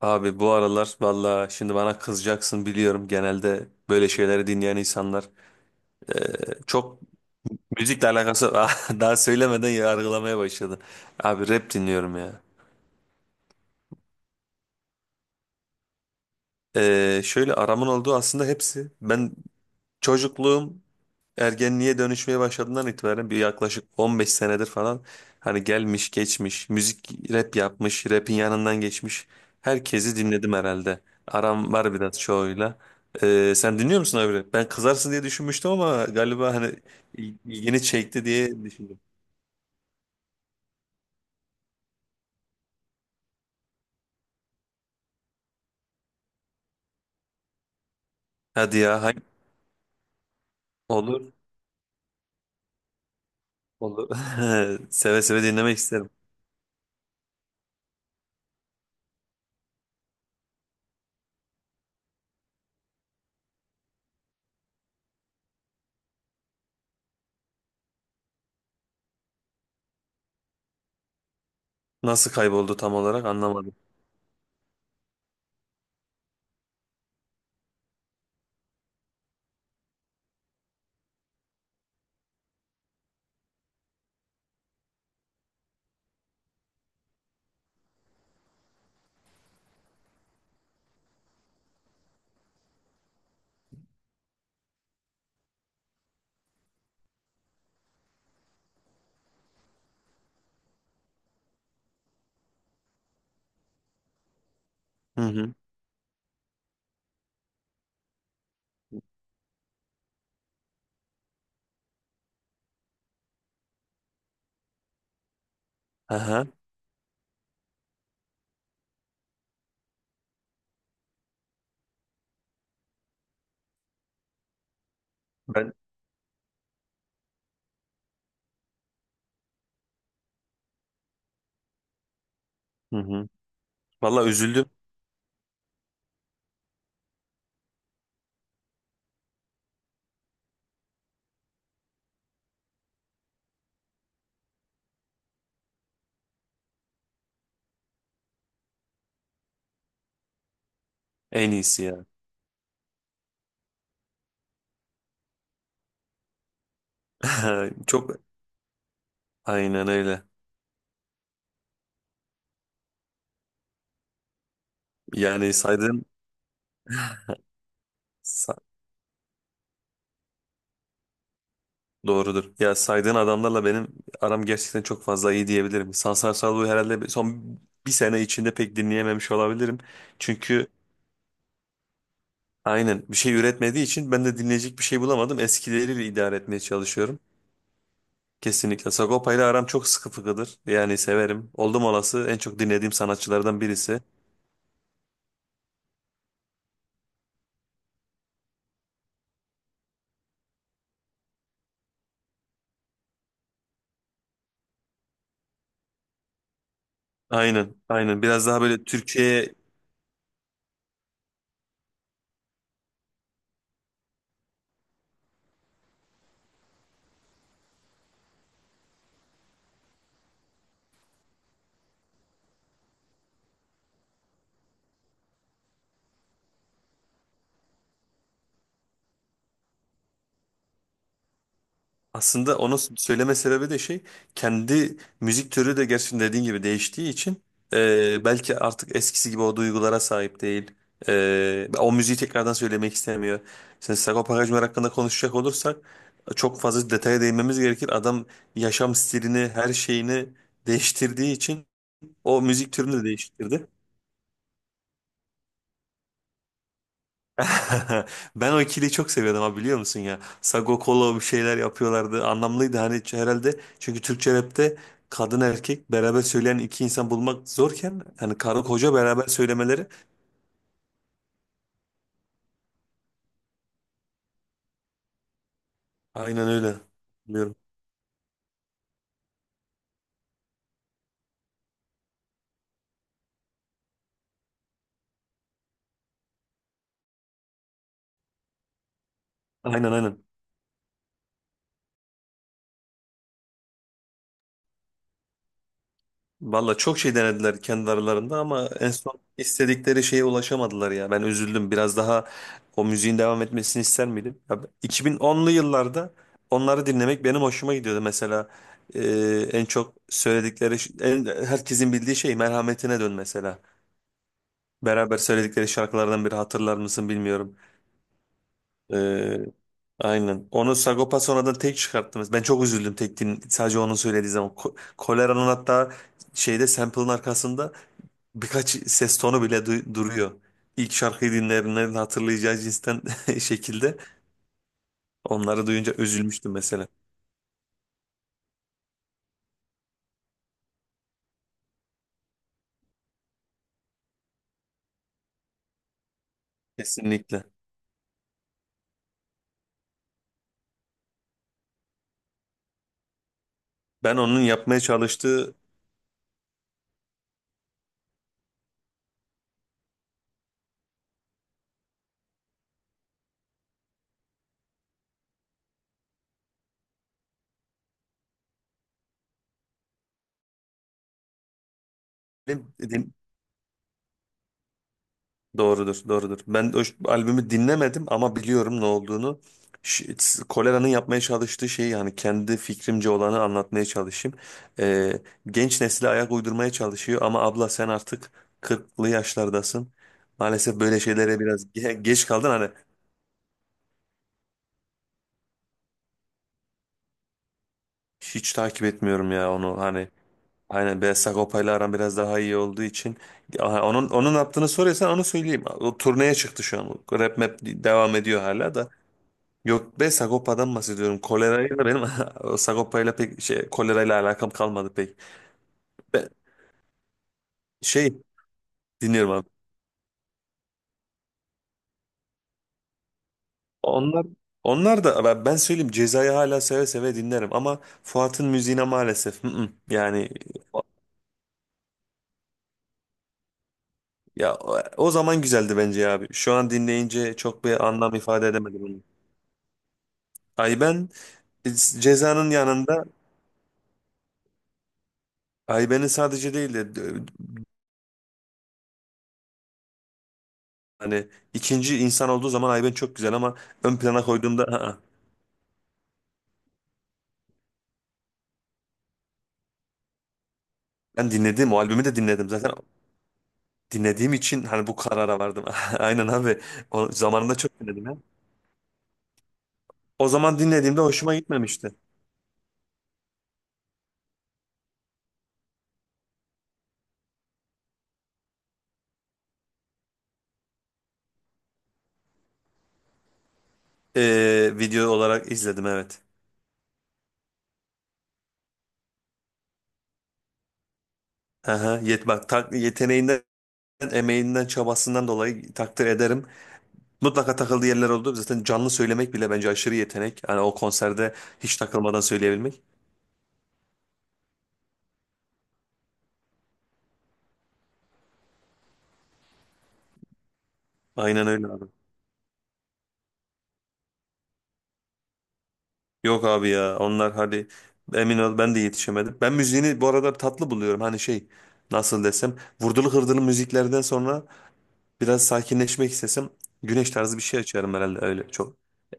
Abi bu aralar valla şimdi bana kızacaksın biliyorum, genelde böyle şeyleri dinleyen insanlar çok müzikle alakası daha söylemeden yargılamaya başladı. Abi rap dinliyorum ya. Şöyle aramın olduğu aslında hepsi, ben çocukluğum ergenliğe dönüşmeye başladığından itibaren bir yaklaşık 15 senedir falan hani gelmiş geçmiş müzik rap yapmış rapin yanından geçmiş herkesi dinledim herhalde. Aram var biraz çoğuyla. Sen dinliyor musun abi? Ben kızarsın diye düşünmüştüm ama galiba hani ilgini çekti diye düşündüm. Hadi ya hangi... Olur, olur. Seve seve dinlemek isterim. Nasıl kayboldu tam olarak anlamadım. Hı hı. Aha. Ben hı hı. Vallahi üzüldüm. En iyisi ya. Çok aynen öyle. Yani saydığın sa- doğrudur. Ya saydığın adamlarla benim aram gerçekten çok fazla iyi diyebilirim. Sansar Salvo'yu herhalde son bir sene içinde pek dinleyememiş olabilirim. Çünkü aynen bir şey üretmediği için ben de dinleyecek bir şey bulamadım. Eskileriyle idare etmeye çalışıyorum. Kesinlikle. Sagopa ile aram çok sıkı fıkıdır. Yani severim. Oldum olası en çok dinlediğim sanatçılardan birisi. Aynen, aynen. Biraz daha böyle Türkiye'ye. Aslında onu söyleme sebebi de şey, kendi müzik türü de gerçekten dediğin gibi değiştiği için, belki artık eskisi gibi o duygulara sahip değil. O müziği tekrardan söylemek istemiyor. Sen Sagopa Kajmer hakkında konuşacak olursak çok fazla detaya değinmemiz gerekir. Adam yaşam stilini, her şeyini değiştirdiği için o müzik türünü de değiştirdi. Ben o ikiliyi çok seviyordum, ha biliyor musun ya? Sagokolo bir şeyler yapıyorlardı. Anlamlıydı hani herhalde. Çünkü Türkçe rapte kadın erkek beraber söyleyen iki insan bulmak zorken hani karı koca beraber söylemeleri aynen öyle. Biliyorum. Aynen, aynen. Valla çok şey denediler kendi aralarında ama en son istedikleri şeye ulaşamadılar ya. Ben üzüldüm. Biraz daha o müziğin devam etmesini ister miydim? 2010'lu yıllarda onları dinlemek benim hoşuma gidiyordu. Mesela e, en çok söyledikleri, en, herkesin bildiği şey Merhametine Dön mesela. Beraber söyledikleri şarkılardan biri, hatırlar mısın bilmiyorum. E, aynen. Onu Sagopa sonradan tek çıkarttınız. Ben çok üzüldüm tek sadece onu söylediği zaman. Kolera'nın hatta şeyde sample'ın arkasında birkaç ses tonu bile duruyor. İlk şarkıyı dinleyenlerin hatırlayacağı cinsten şekilde onları duyunca üzülmüştüm mesela. Kesinlikle. Ben onun yapmaya çalıştığı... Din- doğrudur, doğrudur. Ben o albümü dinlemedim ama biliyorum ne olduğunu. Kolera'nın yapmaya çalıştığı şeyi yani kendi fikrimce olanı anlatmaya çalışayım. Ee, Genç nesile ayak uydurmaya çalışıyor ama abla sen artık 40'lı yaşlardasın. Maalesef böyle şeylere biraz geç kaldın hani. Hiç takip etmiyorum ya onu hani, aynen. Beyaz Sagopa'yla aram biraz daha iyi olduğu için... Aha, onun yaptığını soruyorsan onu söyleyeyim. O turneye çıktı şu an. Rap map devam ediyor hala da. Yok be, Sagopa'dan bahsediyorum. Kolerayla benim o Sagopa'yla pek şey, kolerayla alakam kalmadı pek. Ben şey dinliyorum abi. Onlar onlar da ben söyleyeyim, Ceza'yı hala seve seve dinlerim ama Fuat'ın müziğine maalesef yani... Ya o o zaman güzeldi bence ya abi. Şu an dinleyince çok bir anlam ifade edemedim onu. Ayben Ceza'nın yanında Ayben'in sadece değil de hani ikinci insan olduğu zaman Ayben çok güzel ama ön plana koyduğumda, "Aa, ben dinledim o albümü de dinledim zaten dinlediğim için hani bu karara vardım." Aynen abi. O zamanında çok dinledim ya. O zaman dinlediğimde hoşuma gitmemişti. Video olarak izledim, evet. Aha, yeteneğinden, emeğinden, çabasından dolayı takdir ederim. Mutlaka takıldığı yerler oldu. Zaten canlı söylemek bile bence aşırı yetenek. Hani o konserde hiç takılmadan söyleyebilmek. Aynen öyle abi. Yok abi ya, onlar hadi emin ol, ben de yetişemedim. Ben müziğini bu arada tatlı buluyorum. Hani şey, nasıl desem, vurdulu hırdılı müziklerden sonra biraz sakinleşmek istesem Güneş tarzı bir şey açarım herhalde, öyle çok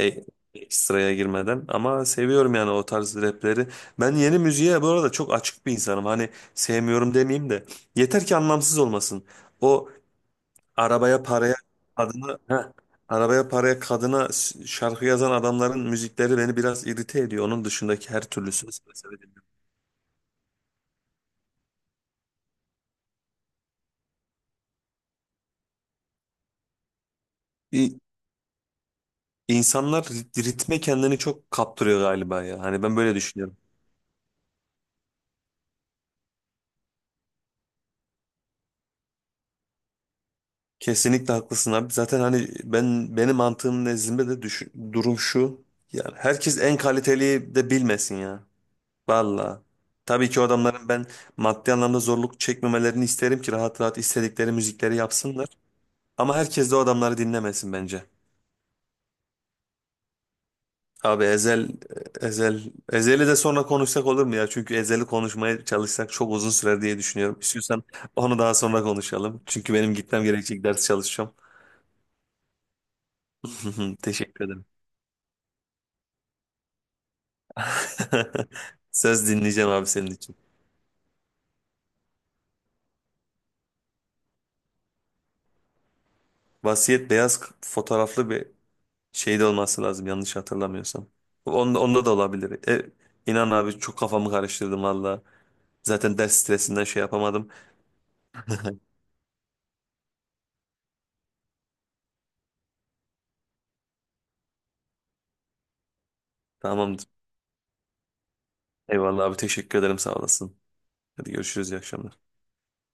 e- ekstraya girmeden. Ama seviyorum yani o tarz rapleri. Ben yeni müziğe bu arada çok açık bir insanım. Hani sevmiyorum demeyeyim de yeter ki anlamsız olmasın. O Arabaya, paraya, kadına, arabaya, paraya, kadına şarkı yazan adamların müzikleri beni biraz irite ediyor. Onun dışındaki her türlü söz mesela. İ- İnsanlar ritme kendini çok kaptırıyor galiba ya. Hani ben böyle düşünüyorum. Kesinlikle haklısın abi. Zaten hani ben, benim mantığım nezdinde de durum şu. Yani herkes en kaliteliyi de bilmesin ya. Valla. Tabii ki o adamların ben maddi anlamda zorluk çekmemelerini isterim ki rahat rahat istedikleri müzikleri yapsınlar. Ama herkes de o adamları dinlemesin bence. Abi Ezel, Ezel'i de sonra konuşsak olur mu ya? Çünkü Ezel'i konuşmaya çalışsak çok uzun sürer diye düşünüyorum. İstiyorsan onu daha sonra konuşalım. Çünkü benim gitmem gerekecek, ders çalışacağım. Teşekkür ederim. Söz dinleyeceğim abi senin için. Vasiyet, beyaz fotoğraflı bir şeyde olması lazım yanlış hatırlamıyorsam. Onda, onda da olabilir. İnan abi çok kafamı karıştırdım valla. Zaten ders stresinden şey yapamadım. Tamamdır. Eyvallah abi, teşekkür ederim, sağ olasın. Hadi görüşürüz, iyi akşamlar.